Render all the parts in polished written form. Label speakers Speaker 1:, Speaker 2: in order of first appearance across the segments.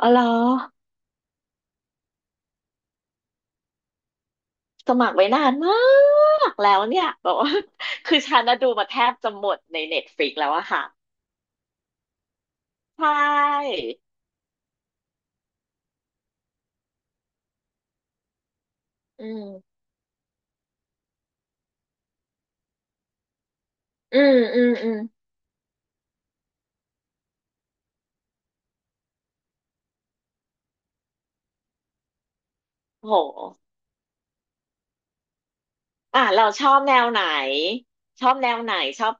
Speaker 1: อ๋อเหรอสมัครไว้นานมากแล้วเนี่ยบอกว่า คือฉันนะดูมาแทบจะหมดในเน็ตฟ i ิกแล้วอะค่ะใช่อืมอืมโหอ่ะเราชอบแนวไหนชอบแนวไหนชอบ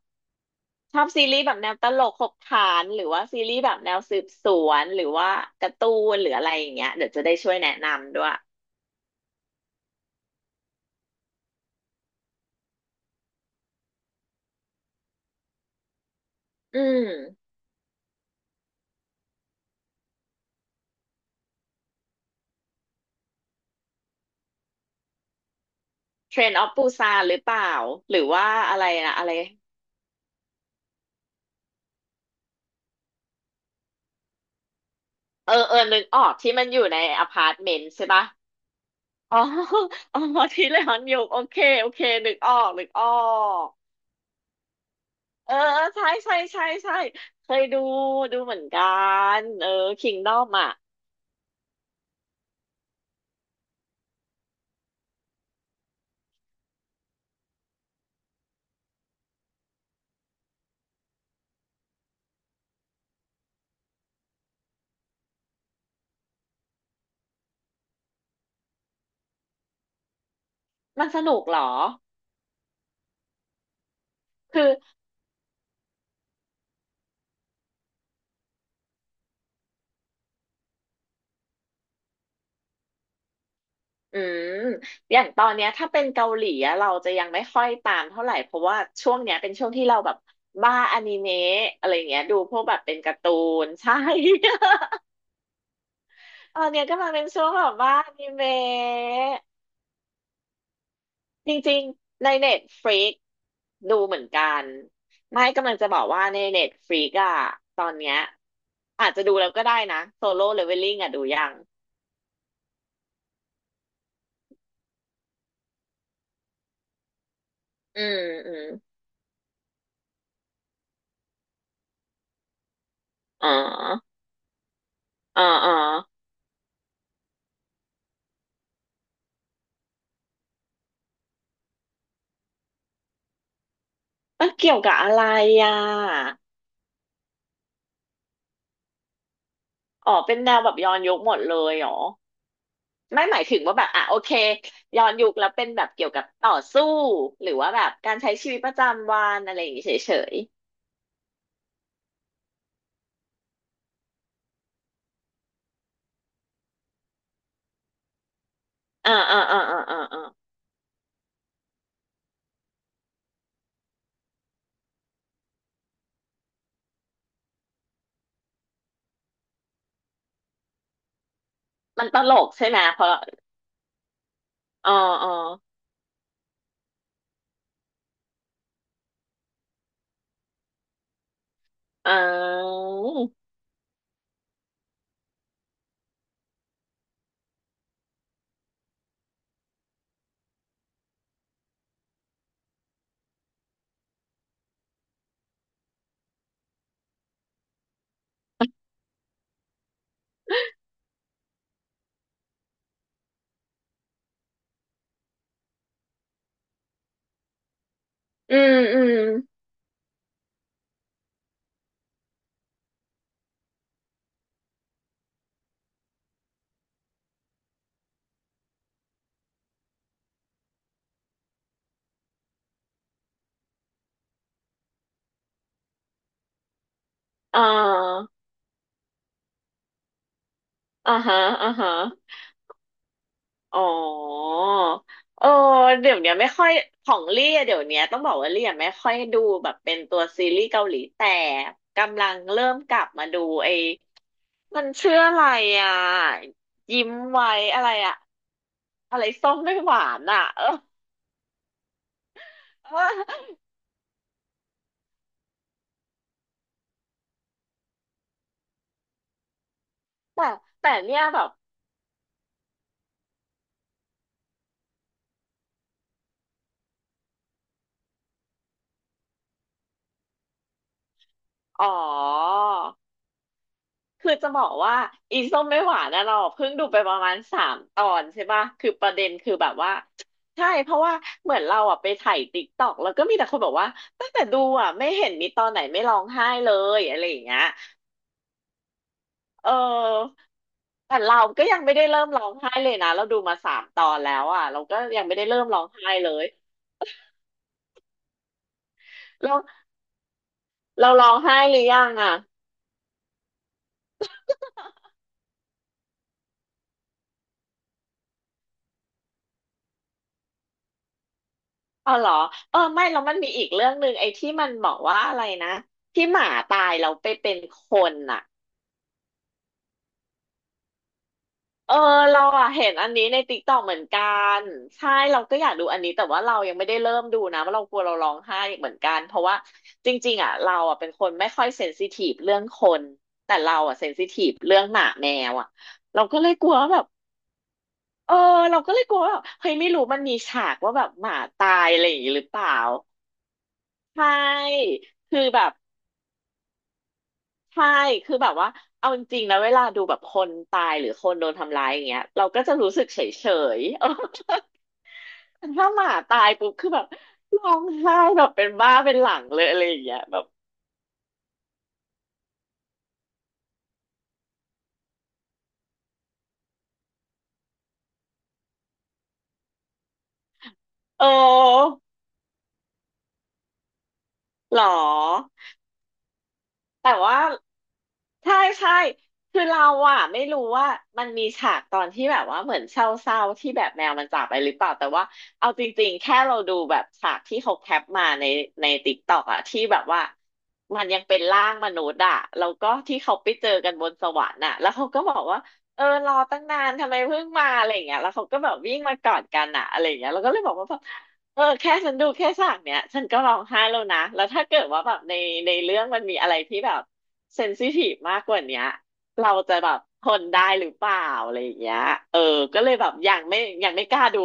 Speaker 1: ชอบซีรีส์แบบแนวตลกขบขันหรือว่าซีรีส์แบบแนวสืบสวนหรือว่าการ์ตูนหรืออะไรอย่างเงี้ยเดี๋ยวจะได้ช่วยแนะนำด้วยอืมเทรนออฟปูซานหรือเปล่าหรือว่าอะไรนะอะไรเออนึกออกที่มันอยู่ในอพาร์ตเมนต์ใช่ปะ อ๋อ อ๋อทีเลยฮอนยุกโอเคโอเคนึกออกเออใช่ใช่ใช่ใช่เคยดูดูเหมือนกันเออคิงดอมอ่ะมันสนุกเหรอคืออืมอย่างตอนเนี้ยถ้าเป็นเกาหลีอะเราจะยังไม่ค่อยตามเท่าไหร่เพราะว่าช่วงเนี้ยเป็นช่วงที่เราแบบบ้าอนิเมะอะไรอย่างเงี้ยดูพวกแบบเป็นการ์ตูน ใช่ ตอนเนี้ยกำลังเป็นช่วงแบบบ้าอนิเมะ จริงๆในเน็ตฟ i ิกดูเหมือนกันไม่กำลังจะบอกว่าในเน็ตฟ i ิกอะตอนเนี้ยอาจจะดูแล้วก็ได้นะโซโล่เลเวลลิ่งอะดูยังอืมอืมอ๋ออ๋ออ๋อมันเกี่ยวกับอะไรอ่ะอ๋อเป็นแนวแบบย้อนยุคหมดเลยเหรอไม่หมายถึงว่าแบบอ่ะโอเคย้อนยุคแล้วเป็นแบบเกี่ยวกับต่อสู้หรือว่าแบบการใช้ชีวิตประจำวันอะไรอย่างงี้เฉยๆอ่ามันตลกใช่ไหมเพราะอ๋ออ๋อ อ่าอืมอืมอ่าอ่าฮะอ่าฮะอ๋อเออเดี๋ยวเนี้ยไม่ค่อยของเลี่ยเดี๋ยวเนี้ยต้องบอกว่าเลี่ยไม่ค่อยดูแบบเป็นตัวซีรีส์เกาหลีแต่กำลังเริ่มกลับมาดูไอ้มันชื่ออะไรอ่ะยิ้มไว้อะไรอ่ะอะไรส้มไม่หวานอ่ะเออเออแต่แต่เนี่ยแบบอ๋อ คือจะบอกว่าอีส้มไม่หวานนะเราเพิ่งดูไปประมาณสามตอนใช่ปะคือประเด็นคือแบบว่าใช่เพราะว่าเหมือนเราอ่ะไปถ่ายติ๊กต็อกแล้วก็มีแต่คนบอกว่าตั้งแต่ดูอ่ะไม่เห็นมีตอนไหนไม่ร้องไห้เลยอะไรอย่างเงี้ยเออแต่เราก็ยังไม่ได้เริ่มร้องไห้เลยนะเราดูมาสามตอนแล้วอ่ะเราก็ยังไม่ได้เริ่มร้องไห้เลยเราเราร้องไห้หรือยังอ่ะอ๋อเหรอเออไม่แล้วมันมีอีกเรื่องหนึ่งไอ้ที่มันบอกว่าอะไรนะที่หมาตายเราไปเป็นคนน่ะ เออเราอะเห็นอันนี้ในติ๊กต็อกเหมือนกันใช่เราก็อยากดูอันนี้แต่ว่าเรายังไม่ได้เริ่มดูนะเพราะเรากลัวเราร้องไห้เหมือนกันเพราะว่าจริงๆอ่ะเราอ่ะเป็นคนไม่ค่อยเซนซิทีฟเรื่องคนแต่เราอ่ะเซนซิทีฟเรื่องหมาแมวอ่ะเราก็เลยกลัวว่าแบบเออเราก็เลยกลัวว่าแบบเฮ้ยไม่รู้มันมีฉากว่าแบบหมาตายอะไรอย่างนี้หรือเปล่าใช่คือแบบใช่คือแบบว่าเอาจริงๆนะเวลาดูแบบคนตายหรือคนโดนทำร้ายอย่างเงี้ยเราก็จะรู้สึกเฉยๆ เออ ถ้าหมาตายปุ๊บคือแบบร้องไห้แบบเป็นบ้าเป็นหลังเลยอะไรอย่างเงี้ยแบบโอ้หรอ แต่ว่าใช่ใช่คือเราอะไม่รู้ว่ามันมีฉากตอนที่แบบว่าเหมือนเศร้าๆที่แบบแมวมันจากไปหรือเปล่าแต่ว่าเอาจริงๆแค่เราดูแบบฉากที่เขาแคปมาในติ๊กต็อกอะที่แบบว่ามันยังเป็นร่างมนุษย์อะแล้วก็ที่เขาไปเจอกันบนสวรรค์อะแล้วเขาก็บอกว่าเออรอตั้งนานทำไมเพิ่งมาอะไรอย่างเงี้ยแล้วเขาก็แบบวิ่งมากอดกันอะอะไรอย่างเงี้ยเราก็เลยบอกว่า เออแค่ฉันดูแค่ฉากเนี้ยฉันก็ร้องไห้แล้วนะแล้วถ้าเกิดว่าแบบในเรื่องมันมีอะไรที่แบบเซนซิทีฟมากกว่าเนี้ยเราจะแบบทนได้หรือเปล่าอะไรอย่างเงี้ยเออก็เลยแบบยังไม่กล้าดู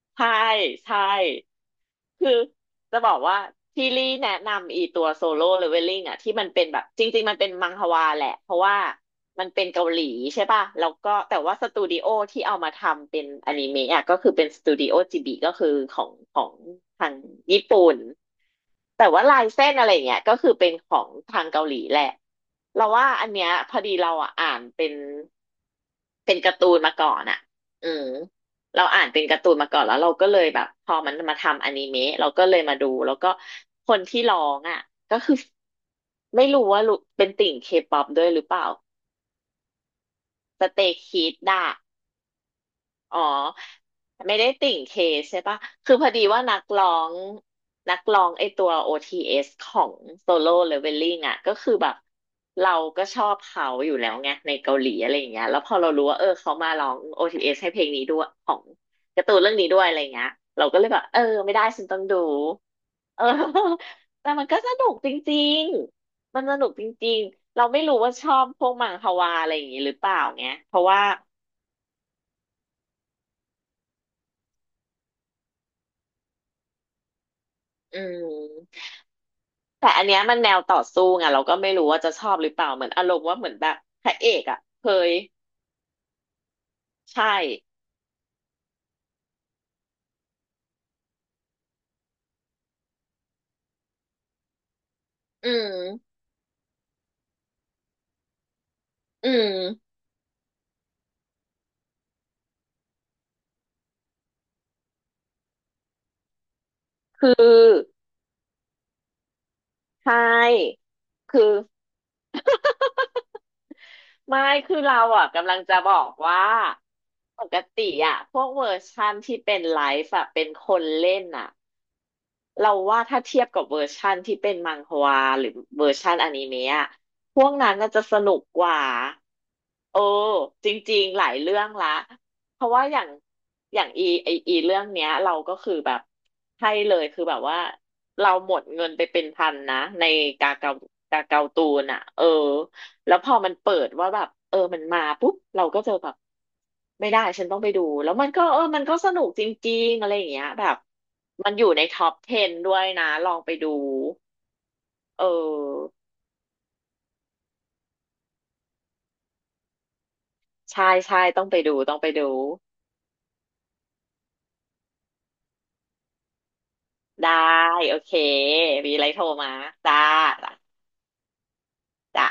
Speaker 1: ใช่ใช่ คือจะบอกว่าที่ลี่แนะนำอีตัวโซโล่เลเวลลิ่งอะที่มันเป็นแบบจริงๆมันเป็นมังฮวาแหละเพราะว่ามันเป็นเกาหลีใช่ป่ะแล้วก็แต่ว่าสตูดิโอที่เอามาทำเป็นอนิเมะอะก็คือเป็นสตูดิโอจิบิก็คือของทางญี่ปุ่นแต่ว่าลายเส้นอะไรเงี้ยก็คือเป็นของทางเกาหลีแหละเราว่าอันเนี้ยพอดีเราอะอ่านเป็นการ์ตูนมาก่อนอะอืม เราอ่านเป็นการ์ตูนมาก่อนแล้วเราก็เลยแบบพอมันมาทำอนิเมะเราก็เลยมาดูแล้วก็คนที่ร้องอ่ะก็คือไม่รู้ว่ารู้เป็นติ่งเคป๊อปด้วยหรือเปล่าสเตย์คิดด่ะ อ๋อไม่ได้ติ่งเคใช่ปะคือพอดีว่างนักร้องไอตัว OTS ของโซโล่เลเวลลิ่งอ่ะก็คือแบบเราก็ชอบเขาอยู่แล้วไงในเกาหลีอะไรอย่างเงี้ยแล้วพอเรารู้ว่าเออเขามาร้อง OTS ให้เพลงนี้ด้วยของการ์ตูนเรื่องนี้ด้วยอะไรเงี้ยเราก็เลยแบบเออไม่ได้ฉันต้องดูเออ แต่มันก็สนุกจริงๆมันสนุกจริงๆเราไม่รู้ว่าชอบพวกมังฮวาอะไรอย่างงี้หรือเปล่าไงเพราะว่าอืม แต่อันเนี้ยมันแนวต่อสู้ไงเราก็ไม่รู้ว่าจะชอบหรือเปล่าเหมือนอารมณ์ว่าเหมือนแบบพระเอกอ่ะเคยใช่อืมอืมคือใช่คือไม่คือเราอ่ะกำลังจะบอกว่าปกติอ่ะพวกเวอร์ชันที่เป็นไลฟ์อ่ะเป็นคนเล่นอ่ะเราว่าถ้าเทียบกับเวอร์ชันที่เป็นมังฮวาหรือเวอร์ชันอนิเมะอะพวกนั้นน่าจะสนุกกว่า เออจริงๆหลายเรื่องละเพราะว่าอย่างอีไออีเรื่องเนี้ยเราก็คือแบบให้เลยคือแบบว่าเราหมดเงินไปเป็นพันนะในกาเกากาเกาตูนอ่ะเออแล้วพอมันเปิดว่าแบบเออมันมาปุ๊บเราก็จะแบบไม่ได้ฉันต้องไปดูแล้วมันก็เออมันก็สนุกจริงๆอะไรอย่างเงี้ยแบบมันอยู่ในท็อป10ด้วยนะลองไปดูเออใช่ใช่ต้องไปดูต้องไปดู ได้โอเคมีอะไรโทรมาจ้าจ้าจ้า